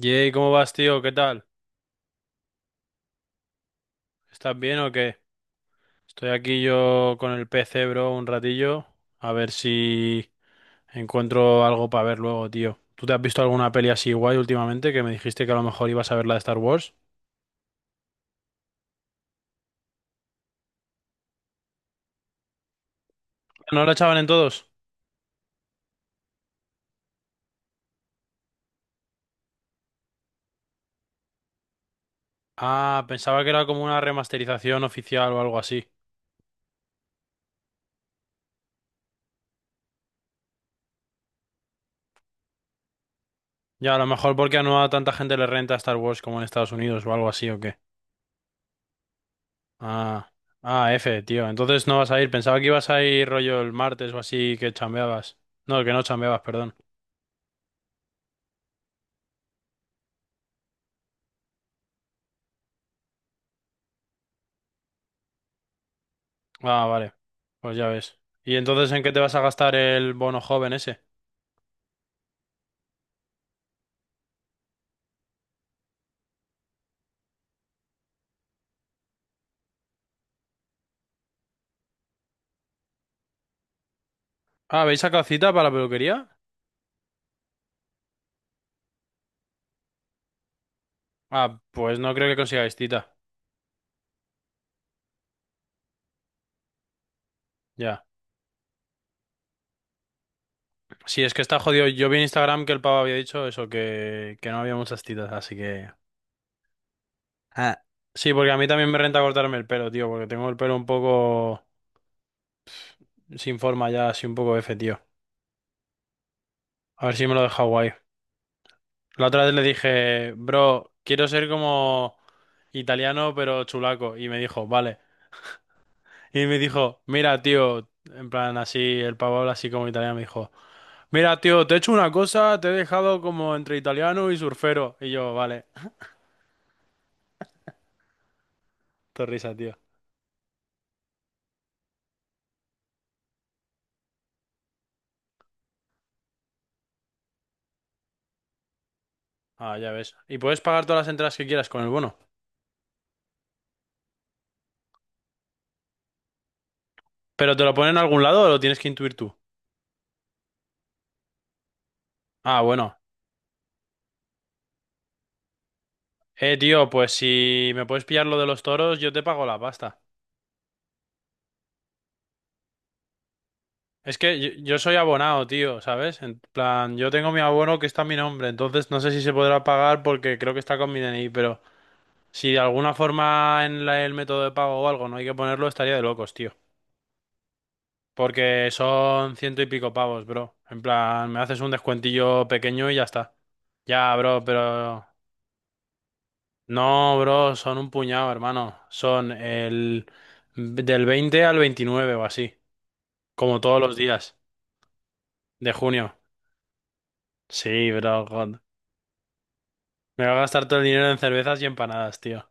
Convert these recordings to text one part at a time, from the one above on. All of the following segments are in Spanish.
Yey, ¿cómo vas, tío? ¿Qué tal? ¿Estás bien o qué? Estoy aquí yo con el PC, bro, un ratillo. A ver si encuentro algo para ver luego, tío. ¿Tú te has visto alguna peli así guay últimamente que me dijiste que a lo mejor ibas a ver la de Star Wars? ¿No la echaban en todos? Ah, pensaba que era como una remasterización oficial o algo así. Ya, a lo mejor porque a no a tanta gente le renta Star Wars como en Estados Unidos o algo así o qué. Ah, ah, F, tío. Entonces no vas a ir. Pensaba que ibas a ir rollo el martes o así que chambeabas. No, que no chambeabas, perdón. Ah, vale. Pues ya ves. ¿Y entonces en qué te vas a gastar el bono joven ese? Ah, ¿habéis sacado cita para la peluquería? Ah, pues no creo que consigáis cita. Ya. Sí, es que está jodido. Yo vi en Instagram que el pavo había dicho eso, que no había muchas citas, así que... Ah. Sí, porque a mí también me renta cortarme el pelo, tío, porque tengo el pelo un poco sin forma ya, así un poco F, tío. A ver si me lo deja guay. La otra vez le dije, bro, quiero ser como italiano pero chulaco. Y me dijo, vale. Y me dijo, mira, tío, en plan así, el pavo habla así como italiano, me dijo, mira, tío, te he hecho una cosa, te he dejado como entre italiano y surfero. Y yo, vale, te risa, tío. Ah, ya ves. Y puedes pagar todas las entradas que quieras con el bono. ¿Pero te lo ponen en algún lado o lo tienes que intuir tú? Ah, bueno. Tío, pues si me puedes pillar lo de los toros, yo te pago la pasta. Es que yo soy abonado, tío, ¿sabes? En plan, yo tengo mi abono que está a mi nombre, entonces no sé si se podrá pagar porque creo que está con mi DNI, pero... Si de alguna forma en el método de pago o algo no hay que ponerlo, estaría de locos, tío. Porque son ciento y pico pavos, bro. En plan, me haces un descuentillo pequeño y ya está. Ya, bro, pero... No, bro, son un puñado, hermano. Son del 20 al 29 o así. Como todos los días de junio. Sí, bro, God. Me voy a gastar todo el dinero en cervezas y empanadas, tío.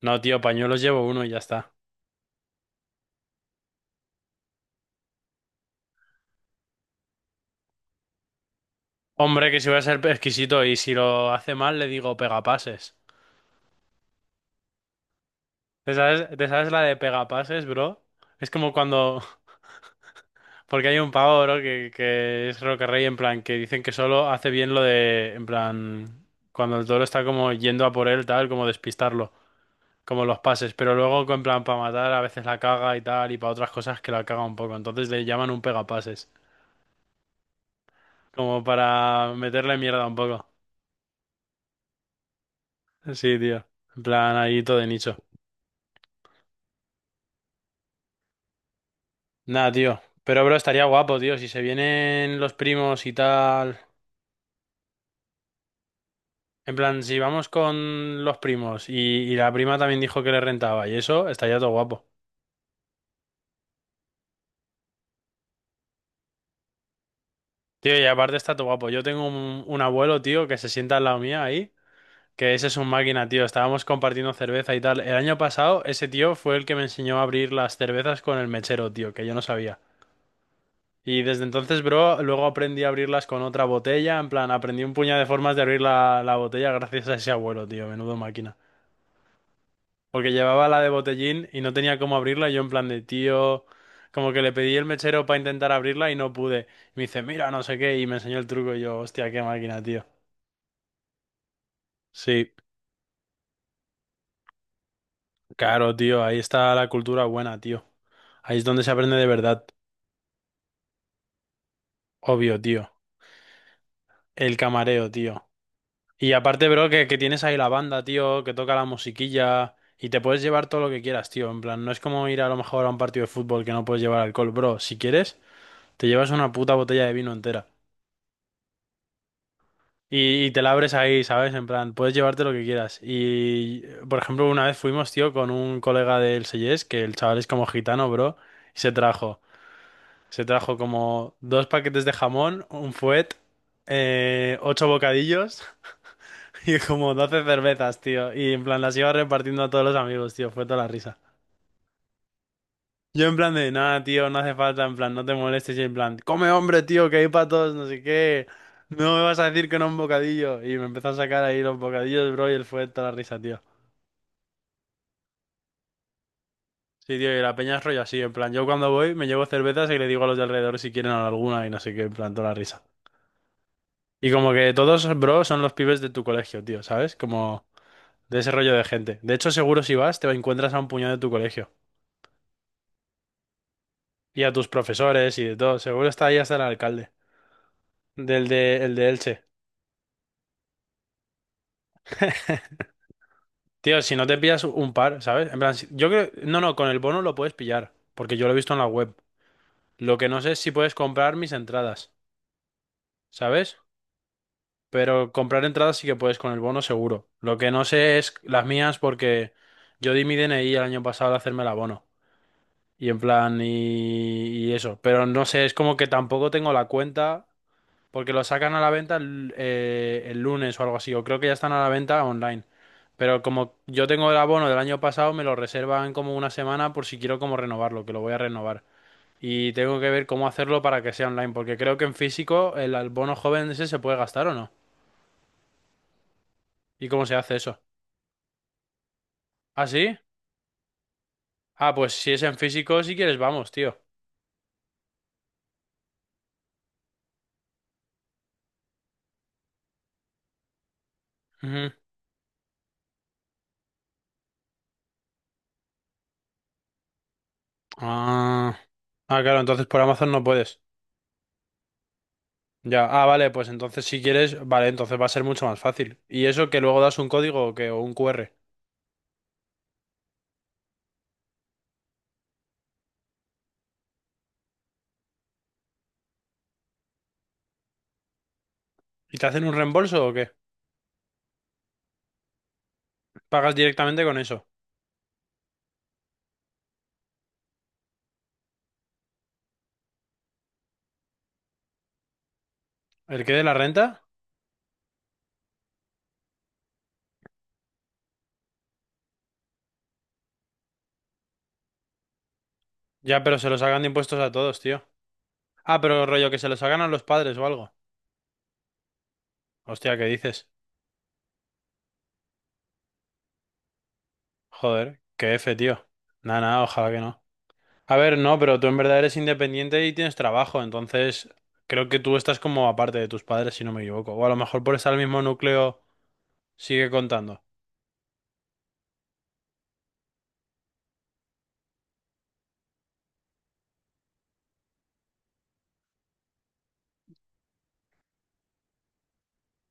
No, tío, pañuelos llevo uno y ya está. Hombre, que si voy a ser exquisito y si lo hace mal le digo pegapases. ¿Te sabes la de pegapases, bro? Es como cuando... Porque hay un pavo, bro, que es Roque Rey, en plan, que dicen que solo hace bien lo de... En plan, cuando el toro está como yendo a por él, tal, como despistarlo, como los pases. Pero luego, en plan, para matar, a veces la caga y tal, y para otras cosas que la caga un poco. Entonces le llaman un pegapases, como para meterle mierda un poco. Sí, tío. En plan, ahí todo de nicho. Nada, tío. Pero, bro, estaría guapo, tío. Si se vienen los primos y tal. En plan, si vamos con los primos y la prima también dijo que le rentaba y eso, estaría todo guapo. Tío, y aparte está todo guapo. Yo tengo un abuelo, tío, que se sienta al lado mía ahí, que ese es un máquina, tío. Estábamos compartiendo cerveza y tal. El año pasado, ese tío fue el que me enseñó a abrir las cervezas con el mechero, tío, que yo no sabía. Y desde entonces, bro, luego aprendí a abrirlas con otra botella. En plan, aprendí un puñado de formas de abrir la botella gracias a ese abuelo, tío. Menudo máquina. Porque llevaba la de botellín y no tenía cómo abrirla. Y yo en plan de tío, como que le pedí el mechero para intentar abrirla y no pude. Y me dice, mira, no sé qué, y me enseñó el truco y yo, hostia, qué máquina, tío. Sí, claro, tío, ahí está la cultura buena, tío. Ahí es donde se aprende de verdad. Obvio, tío. El camareo, tío. Y aparte, bro, que tienes ahí la banda, tío, que toca la musiquilla y te puedes llevar todo lo que quieras, tío. En plan, no es como ir a lo mejor a un partido de fútbol que no puedes llevar alcohol, bro. Si quieres, te llevas una puta botella de vino entera. Y te la abres ahí, ¿sabes? En plan, puedes llevarte lo que quieras. Y, por ejemplo, una vez fuimos, tío, con un colega del Seyes, que el chaval es como gitano, bro, y se trajo como dos paquetes de jamón, un fuet, ocho bocadillos y como 12 cervezas, tío. Y en plan, las iba repartiendo a todos los amigos, tío, fue toda la risa. Yo en plan de, nada, tío, no hace falta, en plan, no te molestes, y en plan, come hombre, tío, que hay para todos, no sé qué, no me vas a decir que no un bocadillo, y me empezó a sacar ahí los bocadillos, bro, y él fue toda la risa, tío. Sí, tío, y la peña es rollo así, en plan, yo cuando voy me llevo cervezas y le digo a los de alrededor si quieren alguna y no sé qué, en plan, toda la risa. Y como que todos, bro, son los pibes de tu colegio, tío, ¿sabes? Como de ese rollo de gente. De hecho, seguro si vas, te encuentras a un puñado de tu colegio, y a tus profesores y de todo, seguro está ahí hasta el alcalde, el de Elche. Tío, si no te pillas un par, ¿sabes? En plan, yo creo... No, no, con el bono lo puedes pillar, porque yo lo he visto en la web. Lo que no sé es si puedes comprar mis entradas, ¿sabes? Pero comprar entradas sí que puedes con el bono seguro. Lo que no sé es las mías porque yo di mi DNI el año pasado al hacerme el abono. Y en plan, y eso. Pero no sé, es como que tampoco tengo la cuenta, porque lo sacan a la venta el lunes o algo así, o creo que ya están a la venta online. Pero como yo tengo el abono del año pasado, me lo reservan como una semana por si quiero como renovarlo, que lo voy a renovar. Y tengo que ver cómo hacerlo para que sea online, porque creo que en físico el abono joven ese se puede gastar o no. ¿Y cómo se hace eso? ¿Ah, sí? Ah, pues si es en físico, si quieres, vamos, tío. Ujú. Ah, ah, claro, entonces por Amazon no puedes. Ya, ah, vale, pues entonces si quieres, vale, entonces va a ser mucho más fácil. ¿Y eso que luego das un código o qué? O un QR. ¿Y te hacen un reembolso o qué? ¿Pagas directamente con eso? ¿El qué de la renta? Ya, pero se los hagan de impuestos a todos, tío. Ah, pero rollo que se los hagan a los padres o algo. Hostia, ¿qué dices? Joder, qué F, tío. Nada, nada, ojalá que no. A ver, no, pero tú en verdad eres independiente y tienes trabajo, entonces creo que tú estás como aparte de tus padres, si no me equivoco. O a lo mejor por estar en el mismo núcleo sigue contando.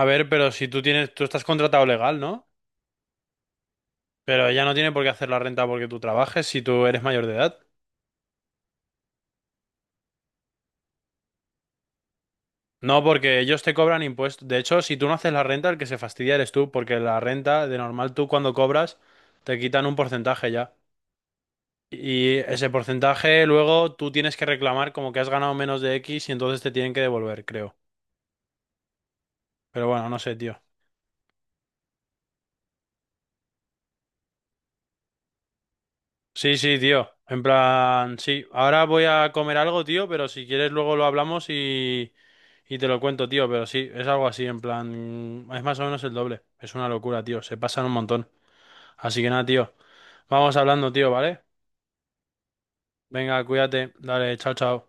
A ver, pero si tú estás contratado legal, ¿no? Pero ella no tiene por qué hacer la renta porque tú trabajes si tú eres mayor de edad. No, porque ellos te cobran impuestos. De hecho, si tú no haces la renta, el que se fastidia eres tú, porque la renta, de normal, tú cuando cobras, te quitan un porcentaje ya. Y ese porcentaje luego tú tienes que reclamar como que has ganado menos de X y entonces te tienen que devolver, creo. Pero bueno, no sé, tío. Sí, sí, tío. En plan, sí. Ahora voy a comer algo, tío, pero si quieres luego lo hablamos y te lo cuento, tío. Pero sí, es algo así, en plan, es más o menos el doble. Es una locura, tío. Se pasan un montón. Así que nada, tío. Vamos hablando, tío, ¿vale? Venga, cuídate. Dale, chao, chao.